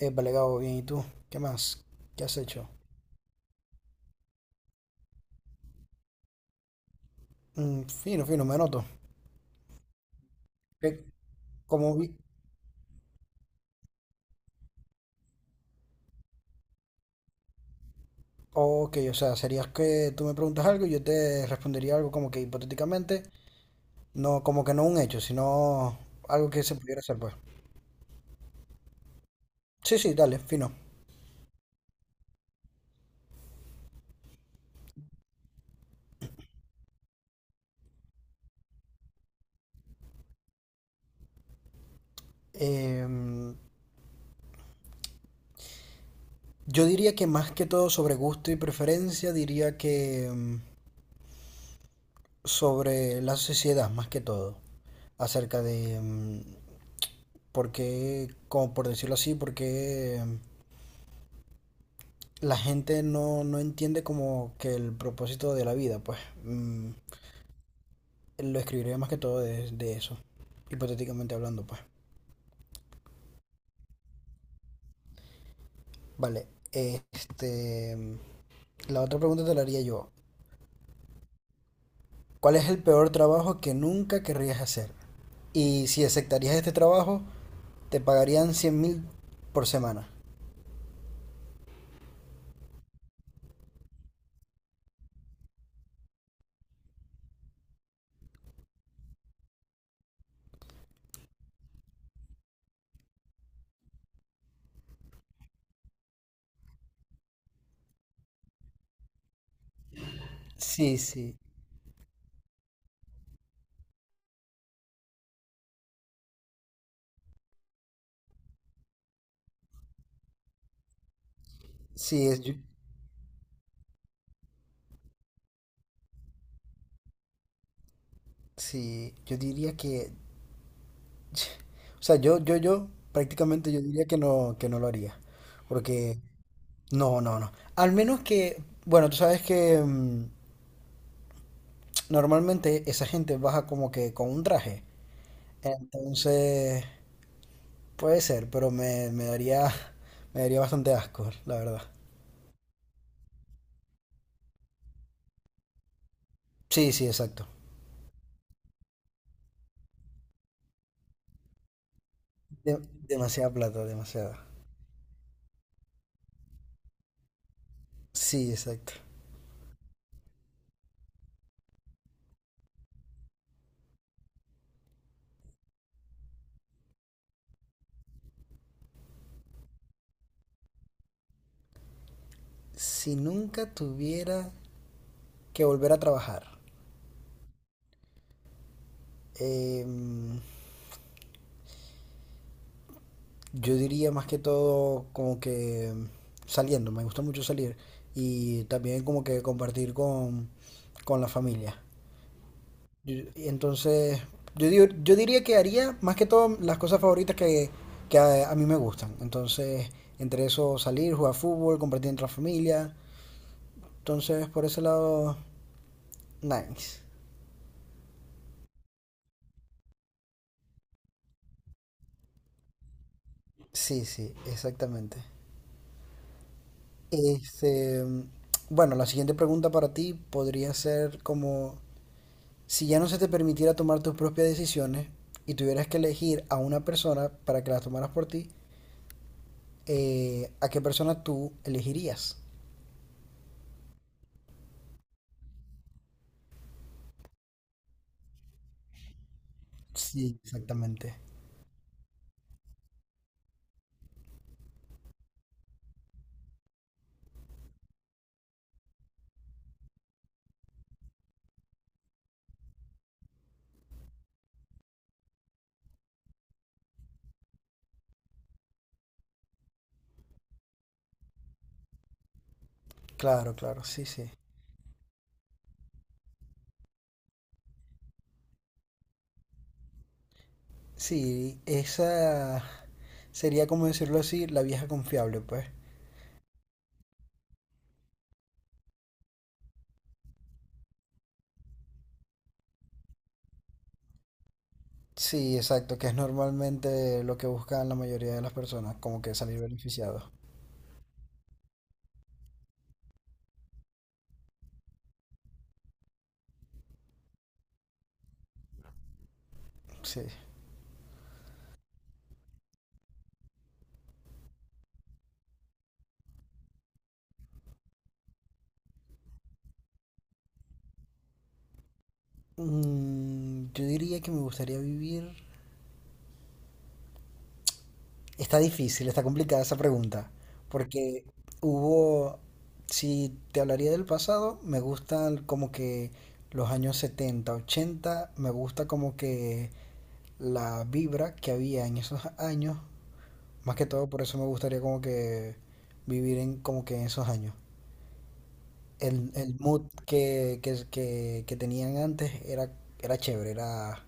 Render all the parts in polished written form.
Épale, Gabo, bien, ¿y tú? ¿Qué más? ¿Qué has hecho? Mm, fino, fino, me noto. Que como vi... Ok, o sea, serías que tú me preguntas algo y yo te respondería algo como que hipotéticamente, no, como que no un hecho, sino algo que se pudiera hacer, pues. Sí, sí, dale, fino. Em, yo diría que más que todo sobre gusto y preferencia, diría que sobre la sociedad, más que todo. Acerca de por qué, como por decirlo así, por qué la gente no, no entiende como que el propósito de la vida, pues. Lo escribiré más que todo de eso, hipotéticamente hablando, pues. Vale, este, la otra pregunta te la haría yo. ¿Cuál es el peor trabajo que nunca querrías hacer? Y si aceptarías este trabajo, te pagarían 100.000 por semana. Sí, sí, sí, sí, yo diría que, o sea, yo, prácticamente yo diría que no lo haría, porque no, no, no. Al menos que, bueno, tú sabes que normalmente esa gente baja como que con un traje. Entonces, puede ser, pero me daría bastante asco, la verdad. Sí, sí, exacto. De- demasiada plata, demasiada. Sí, exacto. Si nunca tuviera que volver a trabajar, em, yo diría más que todo como que saliendo, me gusta mucho salir y también como que compartir con la familia. Entonces, yo diría que haría más que todo las cosas favoritas que a mí me gustan. Entonces, entre eso salir, jugar fútbol, compartir entre la familia. Entonces, por ese lado, nice. Sí, sí, exactamente. Este, bueno, la siguiente pregunta para ti podría ser como... Si ya no se te permitiera tomar tus propias decisiones y tuvieras que elegir a una persona para que las tomaras por ti, ¿a qué persona tú elegirías? Sí, exactamente. Claro, claro, sí, sí. Sí, esa sería como decirlo así, la vieja confiable, pues. Sí, exacto, que es normalmente lo que buscan la mayoría de las personas, como que salir beneficiados. Sí. Yo diría que me gustaría vivir. Está difícil, está complicada esa pregunta, porque hubo, si te hablaría del pasado, me gustan como que los años 70 80, me gusta como que la vibra que había en esos años, más que todo por eso me gustaría como que vivir en como que en esos años. El mood que tenían antes era, era chévere,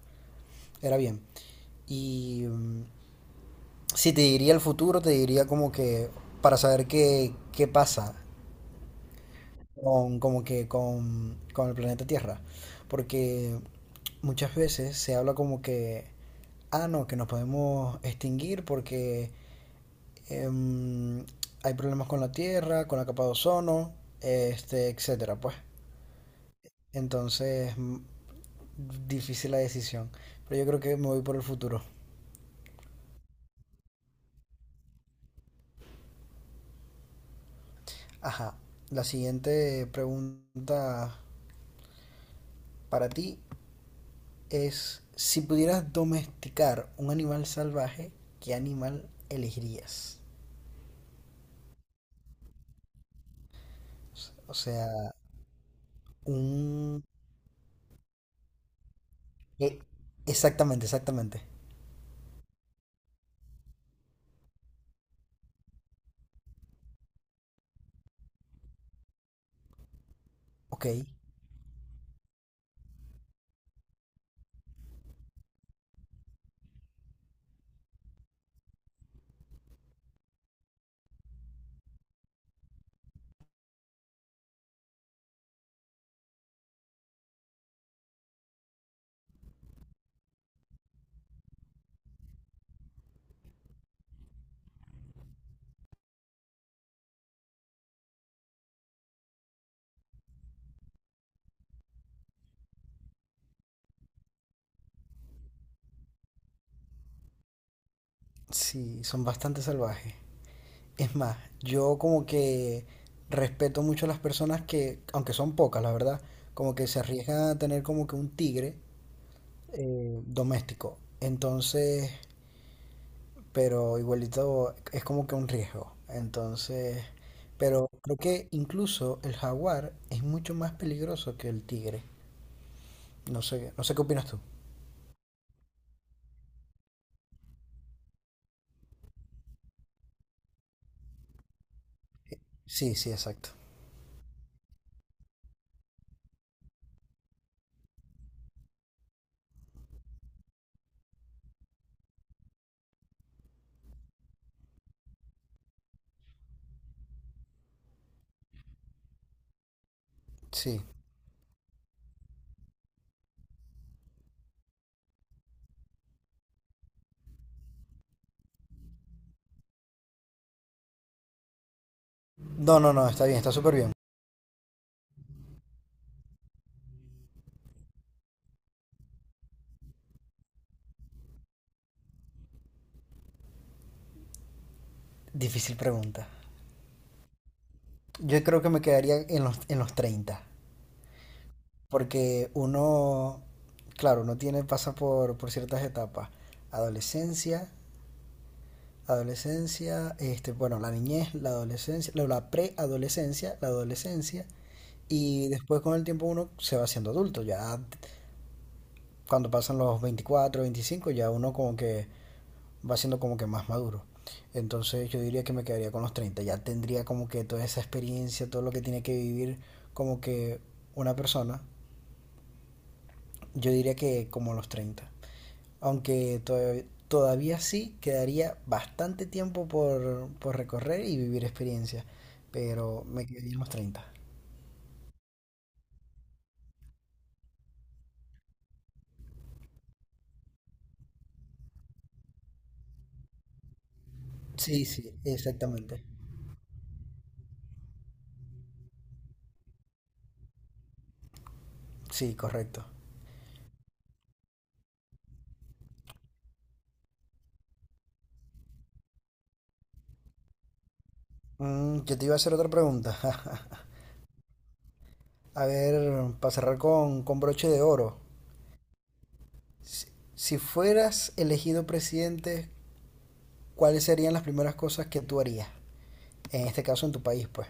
era bien. Y si te diría el futuro, te diría como que para saber qué pasa como que con el planeta Tierra. Porque muchas veces se habla como que, ah, no, que nos podemos extinguir porque em, hay problemas con la Tierra, con la capa de ozono, este, etcétera, pues. Entonces, difícil la decisión. Pero yo creo que me voy por el futuro. Ajá. La siguiente pregunta para ti es, si pudieras domesticar un animal salvaje, ¿qué animal elegirías? O sea, un... e- Exactamente, exactamente. Ok, sí, son bastante salvajes. Es más, yo como que respeto mucho a las personas que, aunque son pocas, la verdad, como que se arriesgan a tener como que un tigre doméstico. Entonces, pero igualito es como que un riesgo. Entonces, pero creo que incluso el jaguar es mucho más peligroso que el tigre. No sé, no sé qué opinas tú. Sí, sí, exacto. Sí. No, no, no, está bien, está súper bien. Difícil pregunta. Yo creo que me quedaría en los 30, porque uno, claro, uno tiene, pasa por ciertas etapas. Adolescencia, adolescencia, este, bueno, la niñez, la adolescencia, la preadolescencia, la adolescencia, y después con el tiempo uno se va haciendo adulto, ya cuando pasan los 24 25 ya uno como que va siendo como que más maduro. Entonces yo diría que me quedaría con los 30, ya tendría como que toda esa experiencia, todo lo que tiene que vivir como que una persona, yo diría que como los 30. Aunque todavía, todavía sí quedaría bastante tiempo por recorrer y vivir experiencias, pero me quedaría en los 30. Sí, sí, exactamente. Sí, correcto. Yo te iba a hacer otra pregunta. A ver, para cerrar con broche de oro. Si, si fueras elegido presidente, ¿cuáles serían las primeras cosas que tú harías? En este caso, en tu país, pues.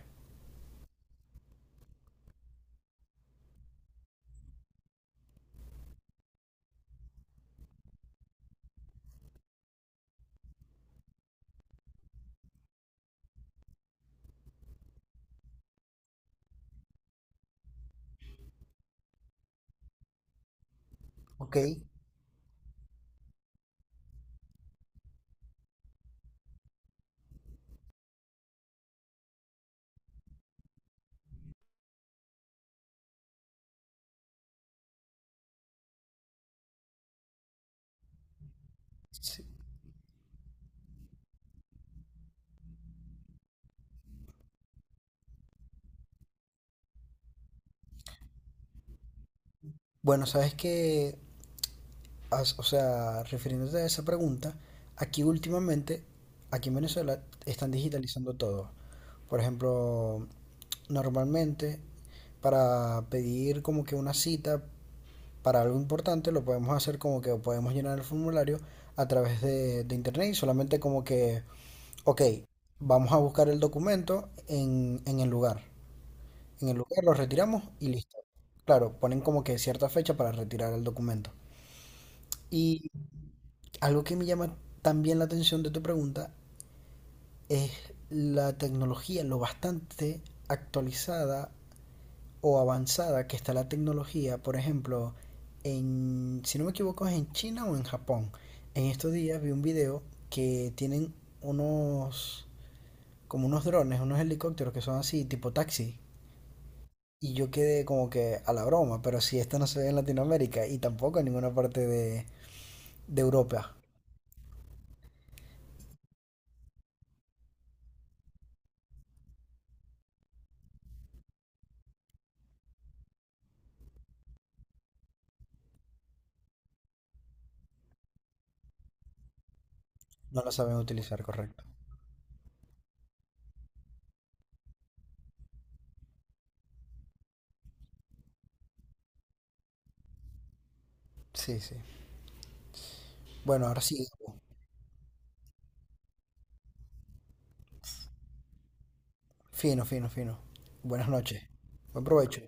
Ok. Sí. Bueno, sabes que, o sea, refiriéndote a esa pregunta, aquí últimamente, aquí en Venezuela, están digitalizando todo. Por ejemplo, normalmente, para pedir como que una cita para algo importante lo podemos hacer como que podemos llenar el formulario a través de internet y solamente como que, ok, vamos a buscar el documento en el lugar. En el lugar lo retiramos y listo. Claro, ponen como que cierta fecha para retirar el documento. Y algo que me llama también la atención de tu pregunta es la tecnología, lo bastante actualizada o avanzada que está la tecnología, por ejemplo, si no me equivoco, es en China o en Japón. En estos días vi un video que tienen unos, como unos drones, unos helicópteros que son así, tipo taxi. Y yo quedé como que a la broma, pero si esto no se ve en Latinoamérica y tampoco en ninguna parte de Europa, no lo saben utilizar, correcto. Sí, sí. Bueno, ahora sí. Fino, fino, fino. Buenas noches. Buen provecho.